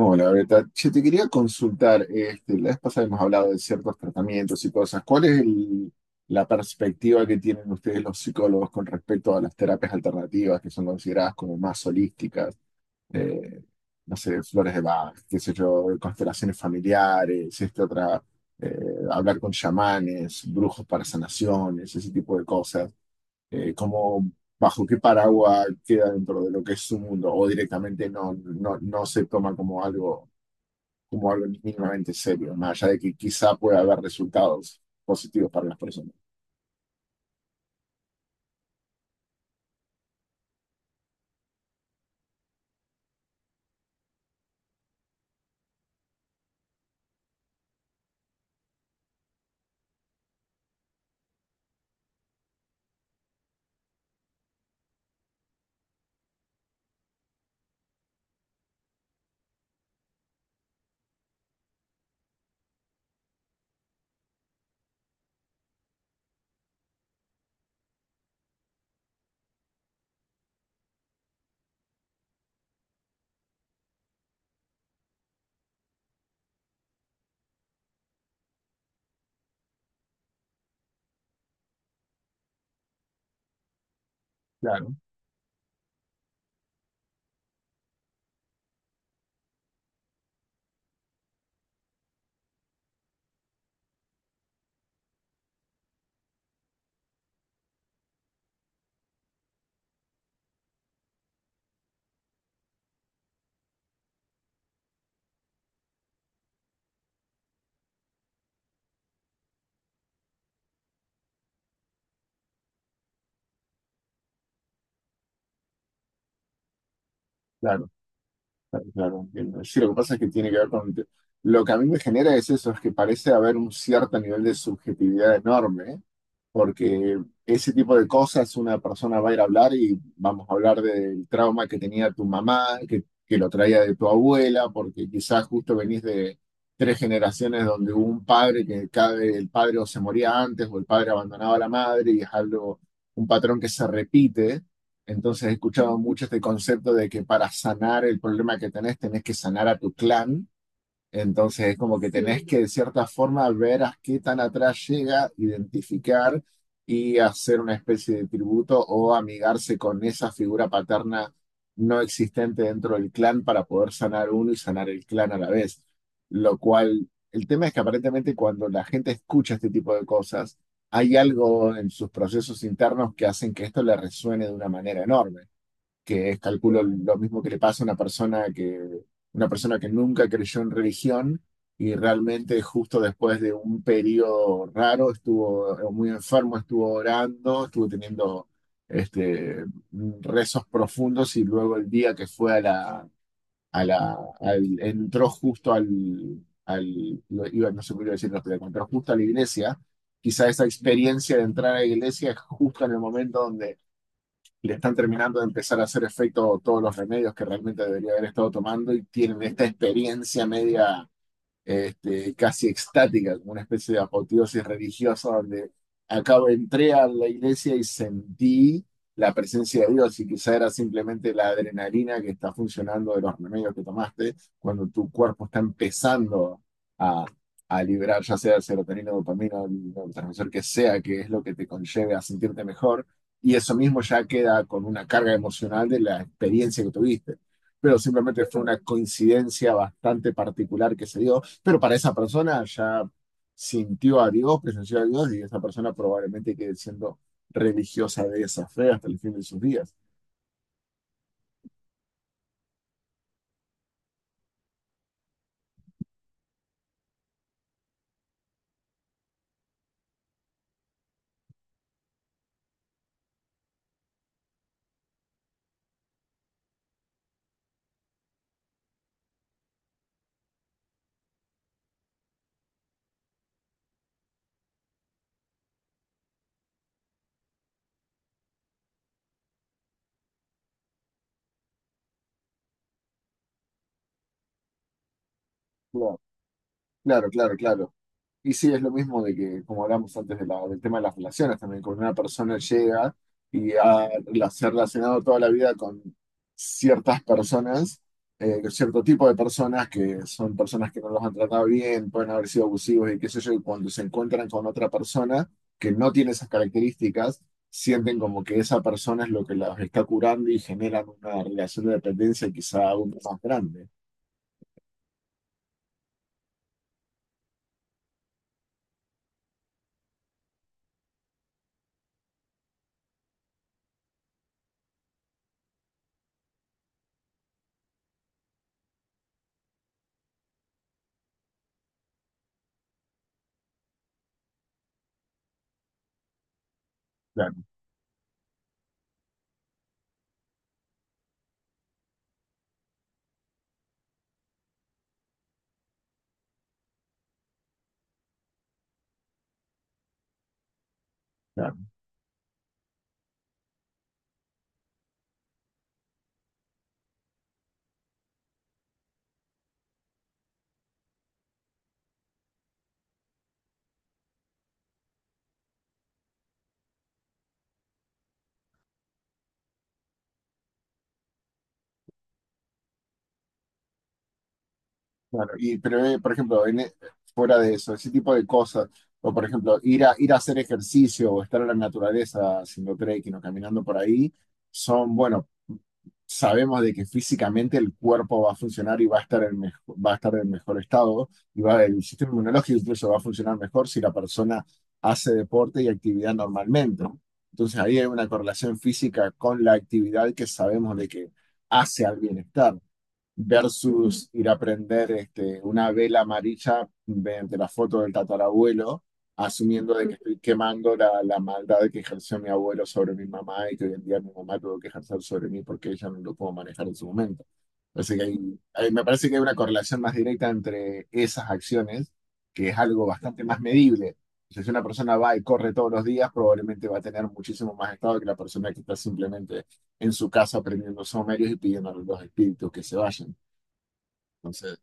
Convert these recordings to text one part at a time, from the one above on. Hola, Beta. Che, te quería consultar, la vez pasada hemos hablado de ciertos tratamientos y cosas. ¿La perspectiva que tienen ustedes los psicólogos con respecto a las terapias alternativas que son consideradas como más holísticas? Eh, no sé, flores de Bach, qué sé yo, constelaciones familiares, eh, hablar con chamanes, brujos para sanaciones, ese tipo de cosas. Eh, ¿cómo, bajo qué paraguas queda dentro de lo que es su mundo, o directamente no se toma como algo mínimamente serio, más allá de que quizá pueda haber resultados positivos para las personas. Claro, claro, claro, claro, entiendo. Sí, lo que pasa es que tiene que ver con... Lo que a mí me genera es eso, es que parece haber un cierto nivel de subjetividad enorme porque ese tipo de cosas una persona va a ir a hablar y vamos a hablar del trauma que tenía tu mamá, que lo traía de tu abuela, porque quizás justo venís de tres generaciones donde hubo un padre que cada vez el padre o se moría antes o el padre abandonaba a la madre y es algo, un patrón que se repite. Entonces he escuchado mucho este concepto de que para sanar el problema que tenés, tenés que sanar a tu clan. Entonces es como que tenés. Sí. Que de cierta forma ver a qué tan atrás llega, identificar y hacer una especie de tributo o amigarse con esa figura paterna no existente dentro del clan para poder sanar uno y sanar el clan a la vez. Lo cual, el tema es que aparentemente cuando la gente escucha este tipo de cosas, hay algo en sus procesos internos que hacen que esto le resuene de una manera enorme que es, calculo, lo mismo que le pasa a una persona que nunca creyó en religión y realmente justo después de un periodo raro estuvo muy enfermo, estuvo orando, estuvo teniendo este, rezos profundos y luego el día que fue entró justo iba, no sé cómo iba a decirlo, pero entró justo a la iglesia. Quizá esa experiencia de entrar a la iglesia es justo en el momento le están terminando de empezar a hacer efecto todos los remedios que realmente debería haber estado tomando y tienen esta experiencia media casi extática, como una especie de apoteosis religiosa donde acabo, entré a la iglesia y sentí la presencia de Dios y quizá era simplemente la adrenalina que está funcionando de los remedios que tomaste cuando tu cuerpo está empezando a, a liberar ya sea serotonina, dopamina, el neurotransmisor que sea, que es lo que te conlleve a sentirte mejor. Y eso mismo ya queda con una carga emocional de la experiencia que tuviste. Pero simplemente fue una coincidencia bastante particular que se dio, pero para esa persona ya sintió a Dios, presenció a Dios y esa persona probablemente quede siendo religiosa de esa fe hasta el fin de sus días. Claro, claro, claro, claro. Y sí, es lo mismo de que, como hablamos antes del tema de las relaciones también, cuando una persona llega y se ha relacionado toda la vida con ciertas personas, con cierto tipo de personas que son personas que no los han tratado bien, pueden haber sido abusivos y qué sé yo, y cuando se encuentran con otra persona que no tiene esas características, sienten como que esa persona es lo que los está curando y generan una relación de dependencia quizá aún más grande. Claro, claro. Claro, y, pero, por ejemplo, fuera de eso, ese tipo de cosas, o por ejemplo, ir a hacer ejercicio o estar en la naturaleza haciendo trekking o caminando por ahí, son, bueno, sabemos de que físicamente el cuerpo va a funcionar y va a estar en va a estar en mejor estado, y va, el sistema inmunológico incluso va a funcionar mejor si la persona hace deporte y actividad normalmente. Entonces ahí hay una correlación física con la actividad que sabemos de que hace al bienestar versus ir a prender una vela amarilla mediante la foto del tatarabuelo, asumiendo de que estoy quemando la maldad que ejerció mi abuelo sobre mi mamá y que hoy en día mi mamá tuvo que ejercer sobre mí porque ella no lo pudo manejar en su momento. Así que me parece que hay una correlación más directa entre esas acciones, que es algo bastante más medible. O sea, si una persona va y corre todos los días, probablemente va a tener muchísimo más estado que la persona que está simplemente en su casa prendiendo sumerios y pidiendo a los espíritus que se vayan. Entonces,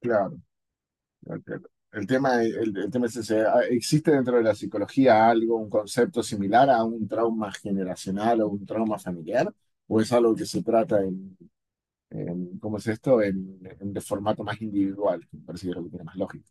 claro, entiendo. El tema es ese. Ah, ¿existe dentro de la psicología algo, un concepto similar a un trauma generacional o un trauma familiar? ¿O es algo que se trata ¿cómo es esto? En de formato más individual, que me parece que es lo que tiene más lógica.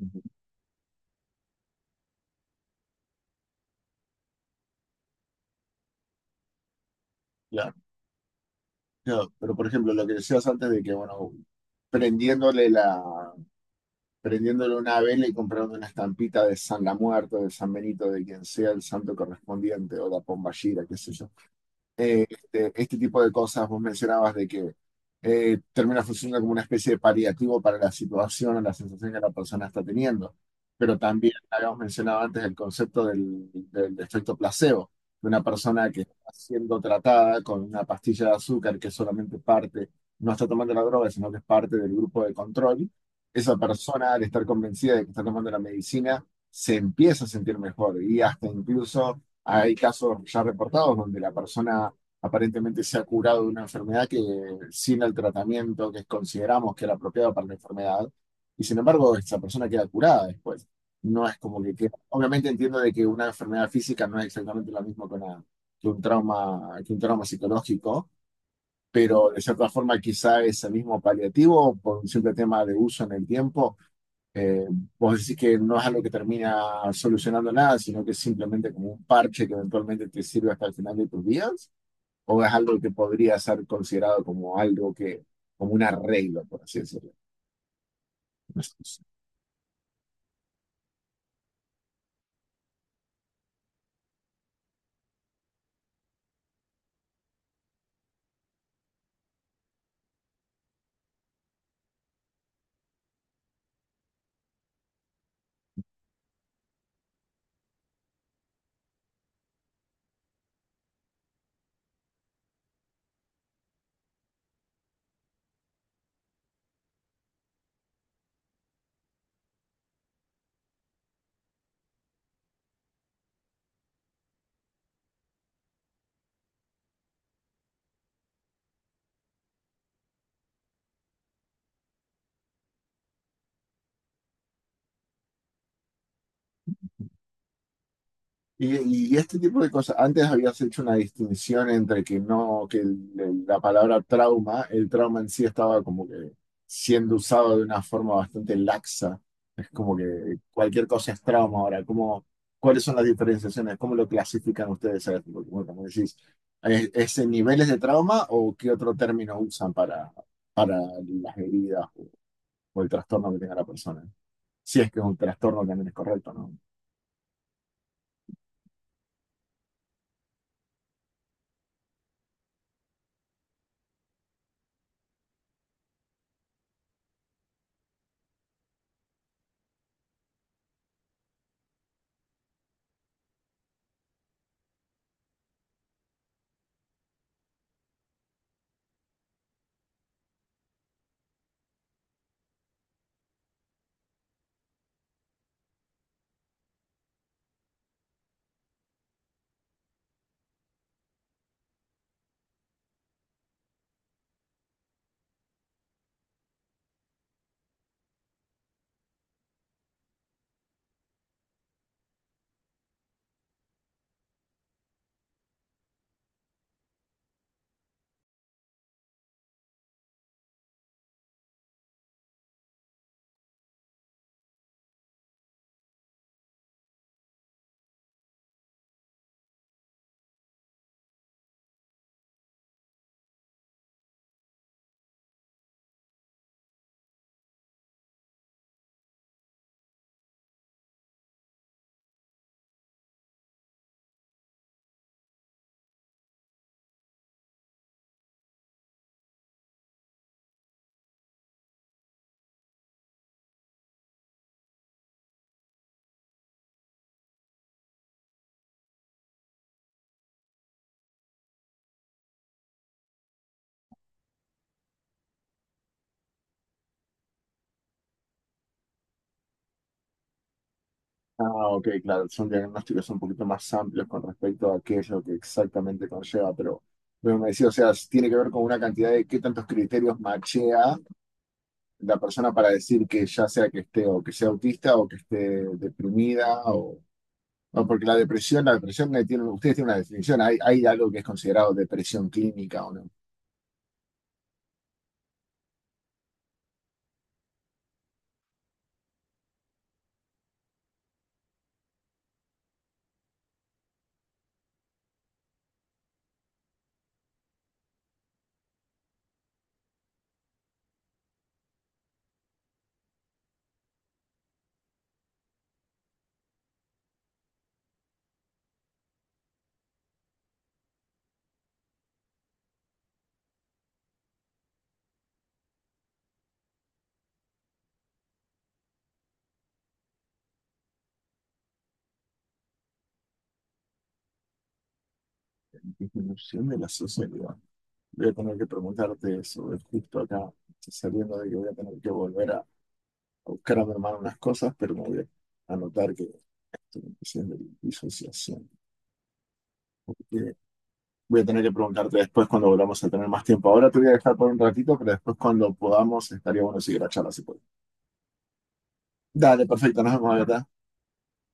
Ujú. Claro, claro. Pero por ejemplo, lo que decías antes de que, bueno, prendiéndole la, prendiéndole una vela y comprando una estampita de San La Muerte, de San Benito, de quien sea el santo correspondiente, o la Pomballera, qué sé yo, este tipo de cosas, vos mencionabas de que termina funcionando como una especie de paliativo para la situación o la sensación que la persona está teniendo. Pero también habíamos mencionado antes el concepto del efecto placebo, de una persona que está siendo tratada con una pastilla de azúcar que es solamente parte, no está tomando la droga, sino que es parte del grupo de control. Esa persona, al estar convencida de que está tomando la medicina, se empieza a sentir mejor y hasta incluso hay casos ya reportados donde la persona aparentemente se ha curado de una enfermedad que sin el tratamiento que consideramos que era apropiado para la enfermedad, y sin embargo esa persona queda curada después. No es como que queda... Obviamente entiendo de que una enfermedad física no es exactamente lo mismo que, que un trauma psicológico, pero de cierta forma quizá es el mismo paliativo por un simple tema de uso en el tiempo. eh, Vos decís que no es algo que termina solucionando nada, sino que es simplemente como un parche que eventualmente te sirve hasta el final de tus días, o es algo que podría ser considerado como algo que, como un arreglo, por así decirlo. Y este tipo de cosas, antes habías hecho una distinción entre que no, que la palabra trauma, el trauma en sí estaba como que siendo usado de una forma bastante laxa. Es como que cualquier cosa es trauma ahora. ¿Cómo, cuáles son las diferenciaciones? ¿Cómo lo clasifican ustedes a esto? Bueno, como decís, ¿es en niveles de trauma o qué otro término usan para las heridas o el trastorno que tenga la persona? Si es que es un trastorno también es correcto, ¿no? Ah, ok, claro, son diagnósticos un poquito más amplios con respecto a qué es lo que exactamente conlleva, pero me decía, o sea, tiene que ver con una cantidad de qué tantos criterios machea la persona para decir que ya sea que esté o que sea autista o que esté deprimida o... No, porque la depresión tiene, ustedes tienen una definición, hay algo que es considerado depresión clínica o no, disminución de la sociedad. Voy a tener que preguntarte eso, es justo acá, sabiendo de que voy a tener que volver buscar a mi hermano unas cosas, pero me voy a anotar que estoy en presión de disociación. Eh, Voy a tener que preguntarte después cuando volvamos a tener más tiempo. Ahora te voy a dejar por un ratito, pero después cuando podamos estaría bueno seguir la charla si puedes. Dale, perfecto, nos vemos acá.